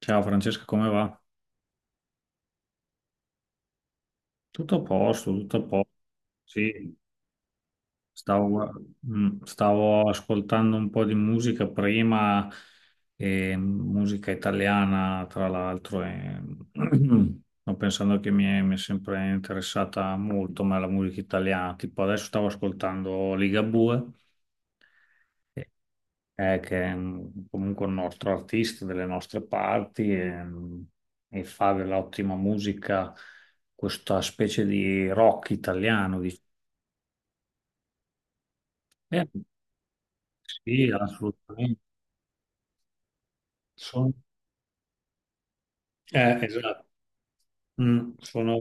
Ciao Francesca, come va? Tutto a posto, tutto a posto. Sì, stavo, stavo ascoltando un po' di musica prima, e musica italiana tra l'altro, e sto pensando che mi è sempre interessata molto ma la musica italiana. Tipo adesso stavo ascoltando Ligabue comunque un nostro artista delle nostre parti e fa dell'ottima musica, questa specie di rock italiano. Eh, sì, assolutamente. Sono- esatto. Mm, sono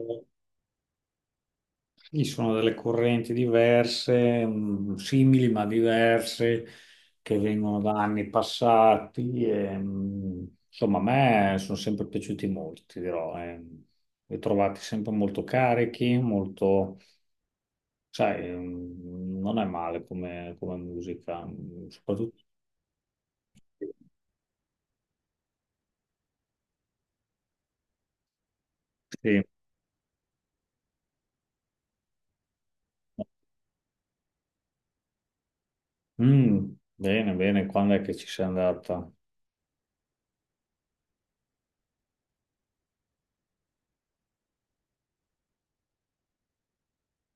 Ci sono delle correnti diverse, simili ma diverse, che vengono da anni passati. E, insomma, a me sono sempre piaciuti molto, ti dirò. Eh. Li ho trovati sempre molto carichi, molto, sai, non è male come musica, soprattutto. Sì. Mm, bene, bene, quando è che ci sei andata?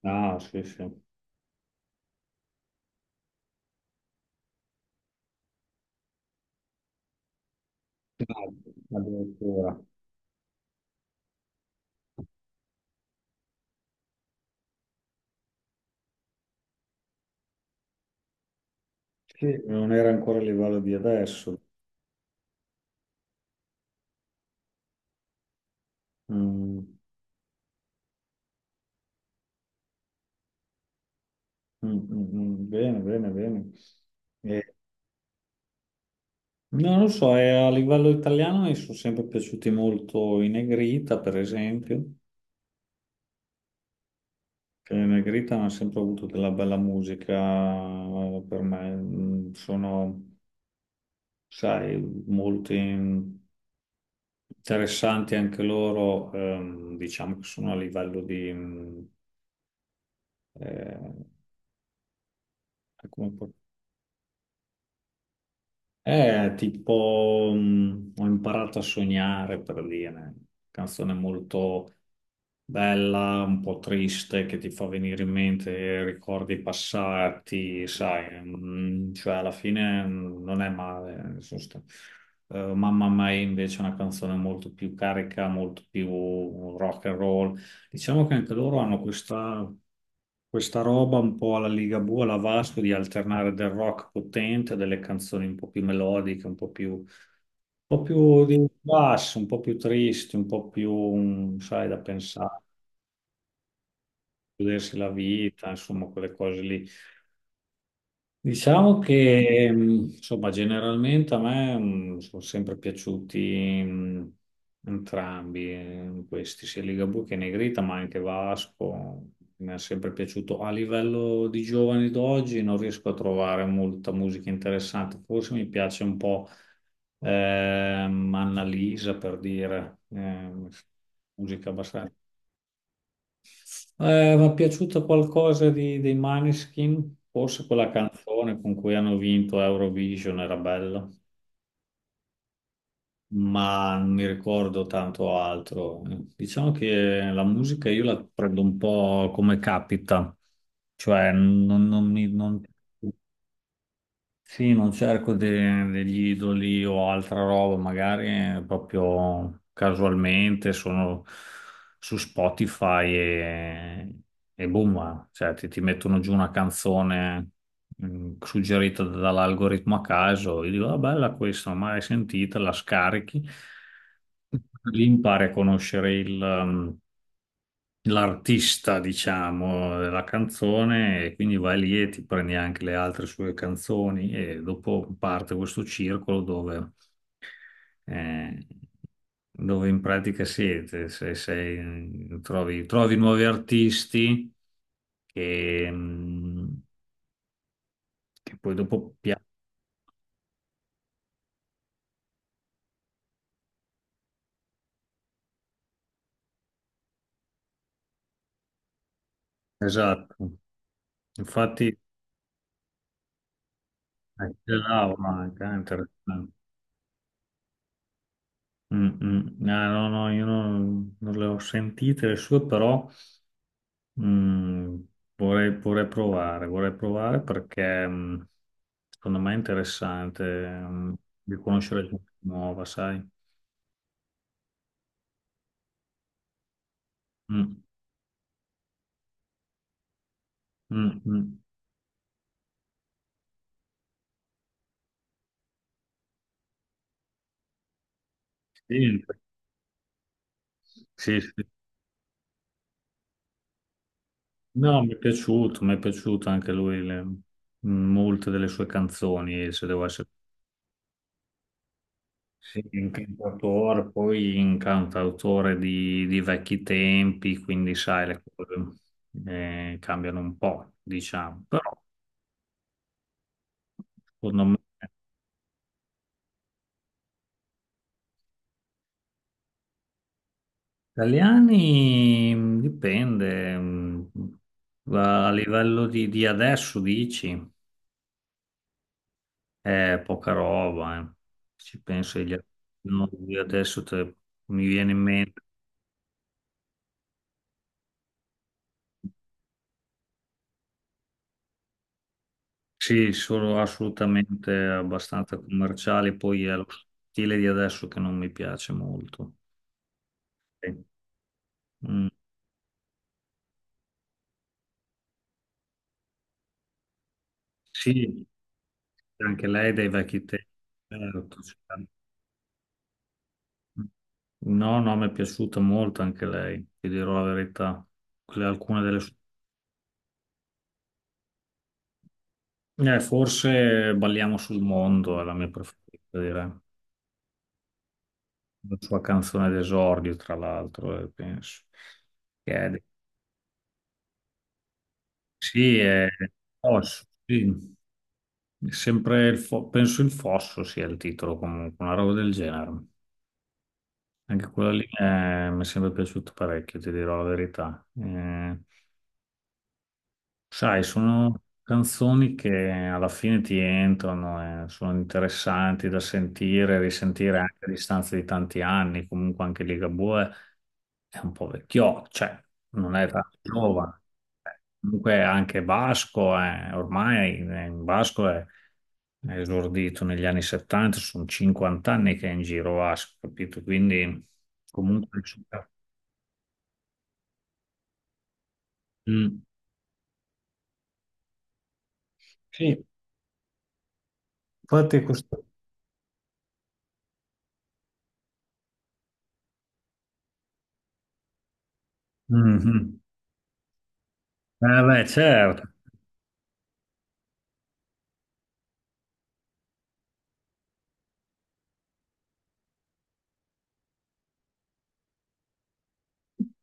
Ah, sì, sì. Ah, addirittura. Sì, non era ancora a livello di adesso. Mm, mm, mm, mm. Bene, bene, bene. Eh, no, non lo so, a livello italiano mi sono sempre piaciuti molto i Negrita, per esempio, che i Negrita hanno sempre avuto della bella musica, per me. Mm, Sono, sai, molto interessanti anche loro, diciamo che sono a livello di, eh, come. Tipo, ho imparato a sognare, per dire, canzone molto bella, un po' triste, che ti fa venire in mente ricordi passati, sai, cioè alla fine non è male. Nel senso, Mamma Mia invece è una canzone molto più carica, molto più rock and roll. Diciamo che anche loro hanno questa roba un po' alla Ligabue, alla Vasco, di alternare del rock potente, a delle canzoni un po' più melodiche, un po' più di basso, un po' più tristi, un po' più, mm, sai, da pensare, godersi la vita, insomma, quelle cose lì. Diciamo che, insomma, generalmente a me sono sempre piaciuti entrambi, questi, sia Ligabue che Negrita, ma anche Vasco. Mi è sempre piaciuto. A livello di giovani d'oggi non riesco a trovare molta musica interessante. Forse mi piace un po' Annalisa, per dire, musica abbastanza, mi è piaciuto qualcosa dei Maneskin, forse quella canzone con cui hanno vinto Eurovision era bella, ma non mi ricordo tanto altro. Diciamo che la musica io la prendo un po' come capita, cioè non mi... non- Sì, non cerco degli idoli o altra roba, magari proprio casualmente sono su Spotify e boom, eh. Cioè ti mettono giù una canzone suggerita dall'algoritmo a caso, io dico, ah, bella questa, non l'ho mai sentita, la scarichi, lì impari a conoscere il, mm, l'artista, diciamo, della canzone, e quindi vai lì e ti prendi anche le altre sue canzoni e dopo parte questo circolo dove, eh, dove in pratica siete, se sei, trovi nuovi artisti che, mh, che poi dopo piacciono. Esatto, infatti c'è Laura anche, interessante. Mm, mm. Ah, no, no, io non le ho sentite le sue, però... Mm, Vorrei provare, vorrei provare perché mm, secondo me è interessante mm, di conoscere gente nuova, sai? Mm, mm, mm. Sì, sì, sì. No, mi è piaciuto anche lui, molte delle sue canzoni, se devo essere sì, un cantautore, poi un cantautore di vecchi tempi, quindi sai, le cose cambiano un po', diciamo, però secondo me. Italiani, dipende, a livello di adesso dici, è poca roba, eh. Ci penso agli no, di adesso te- Mi viene in mente, sì, sono assolutamente abbastanza commerciali, poi è lo stile di adesso che non mi piace molto. Sì, mm, sì, anche lei dai vecchi tempi, certo, certo. No, no, mi è piaciuta molto anche lei, ti dirò la verità. Alcune delle sue... forse Balliamo sul mondo è la mia preferita, direi. La sua canzone d'esordio, tra l'altro, penso. Che è- Sì, è... Fosso, sì. È sempre penso il Fosso sia il titolo, comunque, una roba del genere. Anche quella lì mi è sempre piaciuta parecchio, ti dirò la verità. Sai, sono canzoni che alla fine ti entrano e sono interessanti da sentire, e risentire anche a distanza di tanti anni. Comunque anche Ligabue è un po' vecchio, cioè non è tanto giovane. Comunque anche Vasco è, ormai è esordito negli anni 70, sono 50 anni che è in giro Vasco, capito? Quindi comunque... Mm. Sì, infatti questo... Mhm. Eh beh, certo,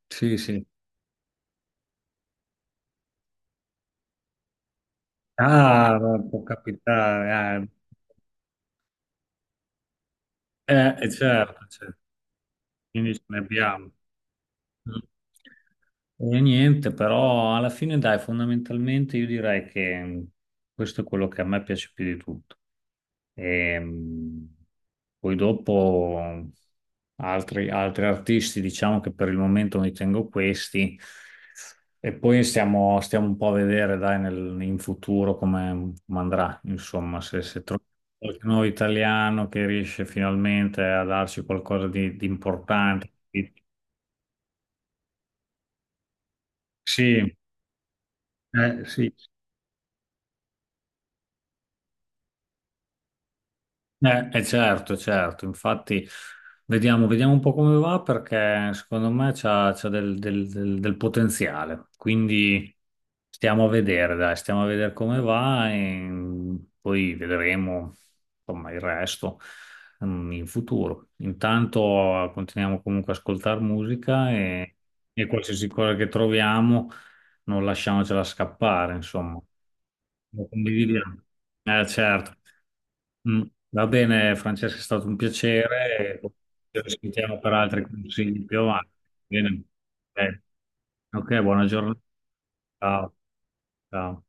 sì, sì. Ah, ma può capitare. Eh, certo, certo. Quindi ce ne abbiamo. Mm. E niente, però alla fine, dai, fondamentalmente io direi che questo è quello che a me piace più di tutto. Ehm, poi dopo altri artisti, diciamo che per il momento mi tengo questi. E poi stiamo un po' a vedere, dai, nel- in futuro come andrà, insomma, se troviamo qualche nuovo italiano che riesce finalmente a darci qualcosa di importante. Sì, sì. Certo, certo, infatti vediamo un po' come va perché secondo me c'ha del, del potenziale, quindi stiamo a vedere, dai, stiamo a vedere come va e poi vedremo insomma il resto mm, in futuro. Intanto continuiamo comunque a ascoltare musica e qualsiasi cosa che troviamo non lasciamocela scappare, insomma. Lo condividiamo. Certo. Mm. Va bene, Francesca, è stato un piacere. Ci sentiamo per altri consigli più avanti. Bene. Eh, Ok, buona giornata. Ciao. Ciao.